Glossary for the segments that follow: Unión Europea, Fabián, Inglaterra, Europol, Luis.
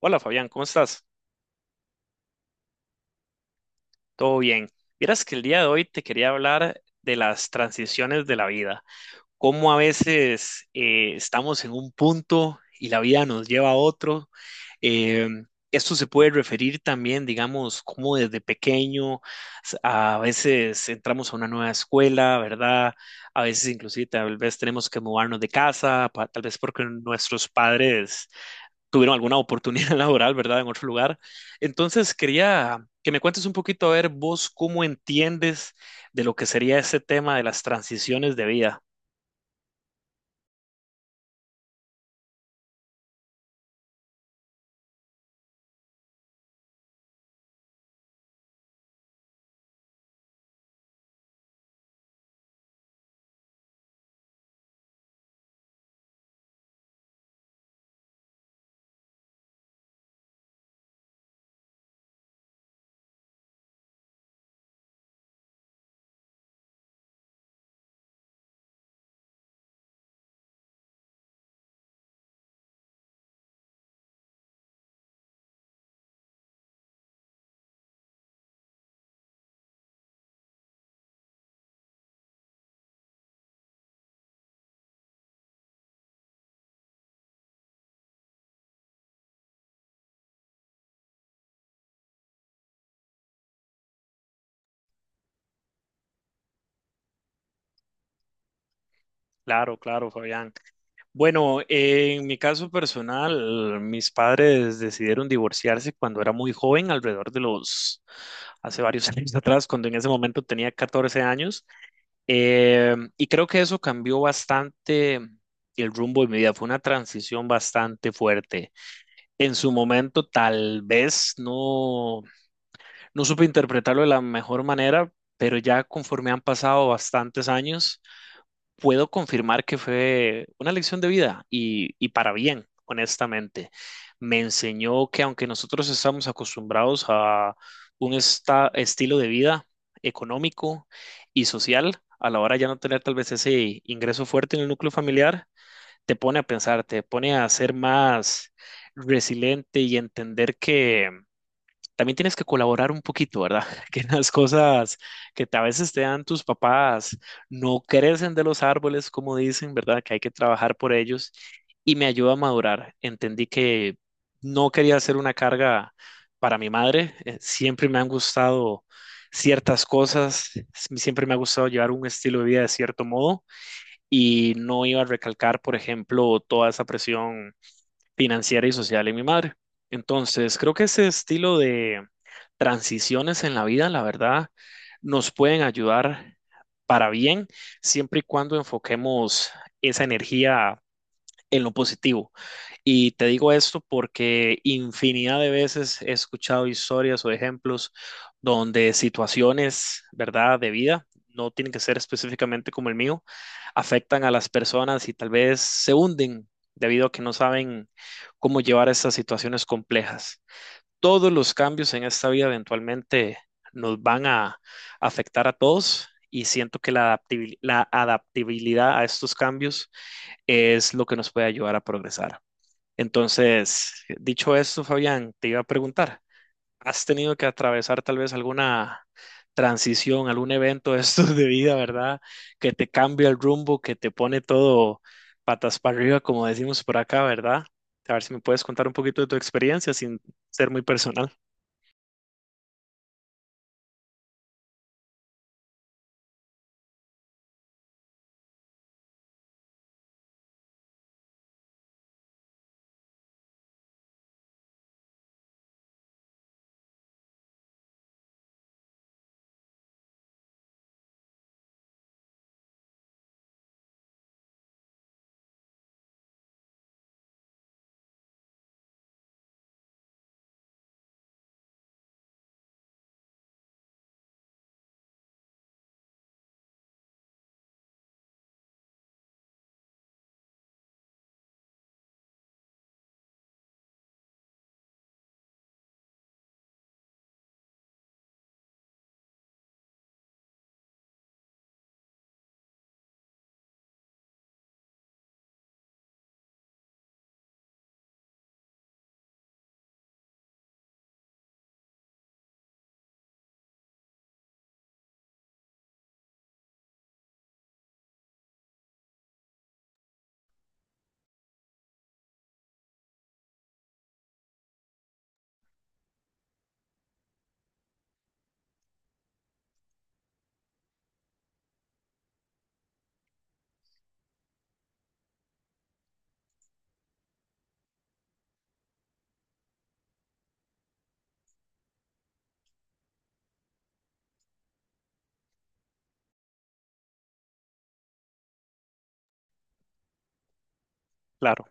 Hola Fabián, ¿cómo estás? ¿Todo bien? Vieras que el día de hoy te quería hablar de las transiciones de la vida, cómo a veces estamos en un punto y la vida nos lleva a otro. Eh, Esto se puede referir también, digamos, cómo desde pequeño a veces entramos a una nueva escuela, ¿verdad? A veces inclusive tal vez tenemos que mudarnos de casa, tal vez porque nuestros padres tuvieron alguna oportunidad laboral, ¿verdad? En otro lugar. Entonces, quería que me cuentes un poquito, a ver, vos cómo entiendes de lo que sería ese tema de las transiciones de vida. Claro, claro, Fabián. Bueno, en mi caso personal, mis padres decidieron divorciarse cuando era muy joven, hace varios años atrás, cuando en ese momento tenía 14 años. Y creo que eso cambió bastante el rumbo de mi vida. Fue una transición bastante fuerte. En su momento tal vez no, no supe interpretarlo de la mejor manera, pero ya conforme han pasado bastantes años, puedo confirmar que fue una lección de vida y para bien, honestamente. Me enseñó que aunque nosotros estamos acostumbrados a un estilo de vida económico y social, a la hora de ya no tener tal vez ese ingreso fuerte en el núcleo familiar, te pone a pensar, te pone a ser más resiliente y entender que también tienes que colaborar un poquito, ¿verdad? Que las cosas que a veces te dan tus papás no crecen de los árboles, como dicen, ¿verdad? Que hay que trabajar por ellos y me ayudó a madurar. Entendí que no quería ser una carga para mi madre. Siempre me han gustado ciertas cosas, siempre me ha gustado llevar un estilo de vida de cierto modo y no iba a recalcar, por ejemplo, toda esa presión financiera y social en mi madre. Entonces, creo que ese estilo de transiciones en la vida, la verdad, nos pueden ayudar para bien, siempre y cuando enfoquemos esa energía en lo positivo. Y te digo esto porque infinidad de veces he escuchado historias o ejemplos donde situaciones, ¿verdad?, de vida, no tienen que ser específicamente como el mío, afectan a las personas y tal vez se hunden debido a que no saben cómo llevar estas situaciones complejas. Todos los cambios en esta vida eventualmente nos van a afectar a todos y siento que la la adaptabilidad a estos cambios es lo que nos puede ayudar a progresar. Entonces, dicho eso, Fabián, te iba a preguntar, ¿has tenido que atravesar tal vez alguna transición, algún evento de estos de vida, ¿verdad? Que te cambia el rumbo, que te pone todo patas para arriba, como decimos por acá, ¿verdad? A ver si me puedes contar un poquito de tu experiencia sin ser muy personal. Claro,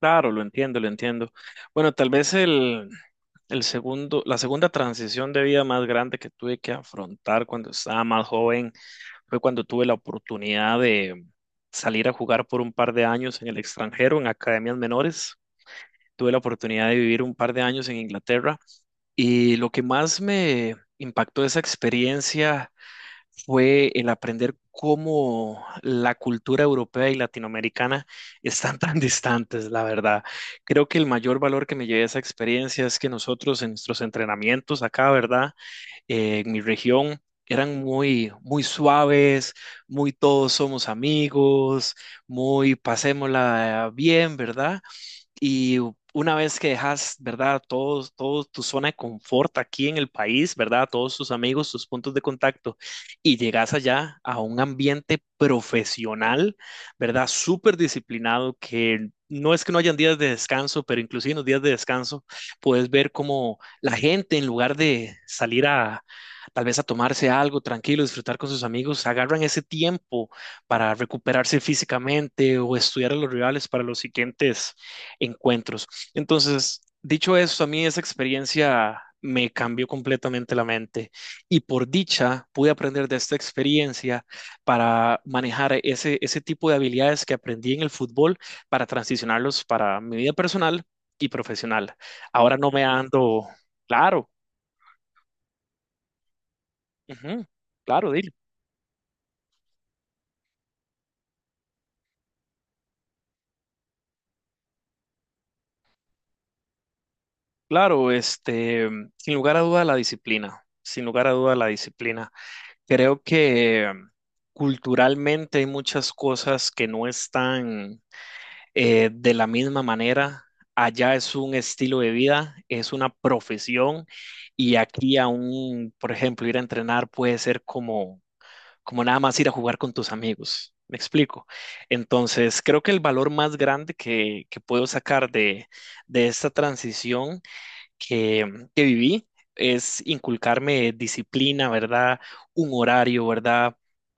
claro, lo entiendo, lo entiendo. Bueno, la segunda transición de vida más grande que tuve que afrontar cuando estaba más joven fue cuando tuve la oportunidad de salir a jugar por un par de años en el extranjero, en academias menores. Tuve la oportunidad de vivir un par de años en Inglaterra y lo que más me impactó de esa experiencia fue el aprender cómo la cultura europea y latinoamericana están tan distantes, la verdad. Creo que el mayor valor que me llevé de esa experiencia es que nosotros en nuestros entrenamientos acá, ¿verdad? En mi región eran muy, muy suaves, muy todos somos amigos, muy pasémosla bien, ¿verdad? Y una vez que dejas, ¿verdad? Todos tu zona de confort aquí en el país, ¿verdad? Todos tus amigos, tus puntos de contacto, y llegas allá a un ambiente profesional, ¿verdad? Súper disciplinado, que no es que no hayan días de descanso, pero inclusive en los días de descanso puedes ver cómo la gente, en lugar de salir a tal vez a tomarse algo tranquilo, disfrutar con sus amigos, agarran ese tiempo para recuperarse físicamente o estudiar a los rivales para los siguientes encuentros. Entonces, dicho eso, a mí esa experiencia me cambió completamente la mente y por dicha pude aprender de esta experiencia para manejar ese tipo de habilidades que aprendí en el fútbol para transicionarlos para mi vida personal y profesional. Ahora no me ando, claro, ujú, claro, dile, claro, este, sin lugar a duda la disciplina, sin lugar a duda la disciplina. Creo que mm, culturalmente hay muchas cosas que no están de la misma manera. Allá es un estilo de vida, es una profesión y aquí aún, por ejemplo, ir a entrenar puede ser como, como nada más ir a jugar con tus amigos. ¿Me explico? Entonces, creo que el valor más grande que puedo sacar de esta transición que, mm, que viví es inculcarme disciplina, ¿verdad? Un horario, ¿verdad?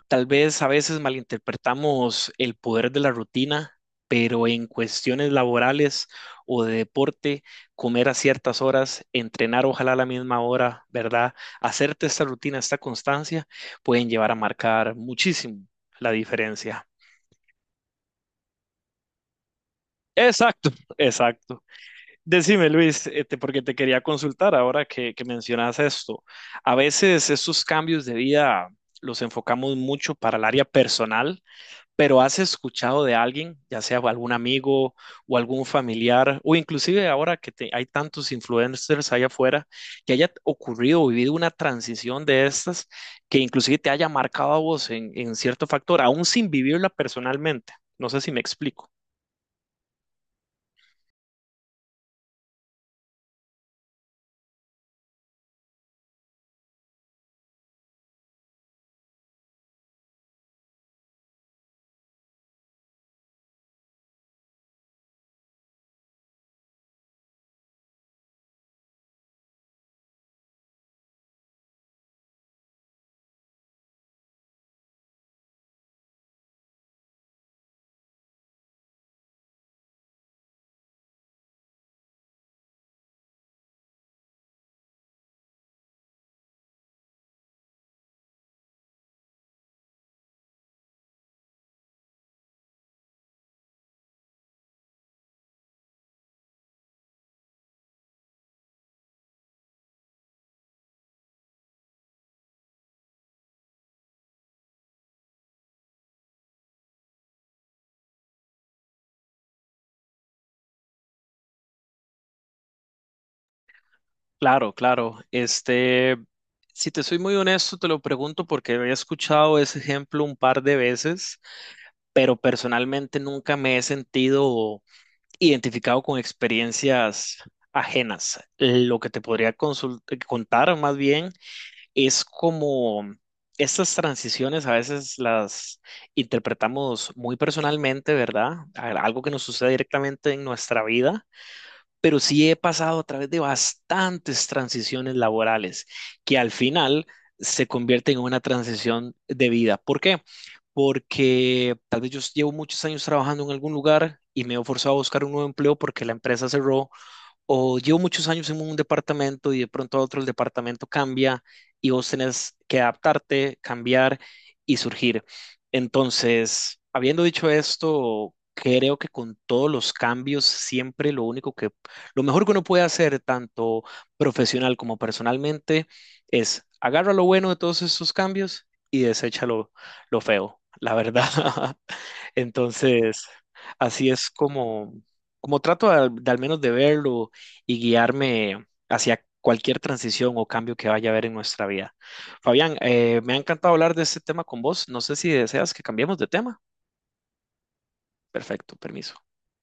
Tal vez a veces malinterpretamos el poder de la rutina, pero en cuestiones laborales o de deporte, comer a ciertas horas, entrenar ojalá a la misma hora, ¿verdad? Hacerte esta rutina, esta constancia, pueden llevar a marcar muchísimo la diferencia. Exacto, exacto. Decime, Luis, este, porque te quería consultar ahora que mencionas esto. A veces estos cambios de vida los enfocamos mucho para el área personal, pero ¿has escuchado de alguien, ya sea algún amigo o algún familiar, o inclusive ahora que hay tantos influencers allá afuera, que haya ocurrido o vivido una transición de estas que inclusive te haya marcado a vos en cierto factor, aún sin vivirla personalmente? No sé si me explico. Claro, claro. Este, si te soy muy honesto, te lo pregunto porque he escuchado ese ejemplo un par de veces, pero personalmente nunca me he sentido identificado con experiencias ajenas. Lo que te podría contar más bien es como estas transiciones a veces las interpretamos muy personalmente, ¿verdad? Algo que nos sucede directamente en nuestra vida, pero sí he pasado a través de bastantes transiciones laborales que al final se convierten en una transición de vida. ¿Por qué? Porque tal vez yo llevo muchos años trabajando en algún lugar y me he forzado a buscar un nuevo empleo porque la empresa cerró o llevo muchos años en un departamento y de pronto a otro el departamento cambia y vos tenés que adaptarte, cambiar y surgir. Entonces, habiendo dicho esto, creo que con todos los cambios, siempre lo único lo mejor que uno puede hacer, tanto profesional como personalmente, es agarra lo bueno de todos estos cambios y desecha lo feo, la verdad. Entonces, así es como, como trato al menos de verlo y guiarme hacia cualquier transición o cambio que vaya a haber en nuestra vida. Fabián, me ha encantado hablar de este tema con vos. No sé si deseas que cambiemos de tema. Perfecto, permiso.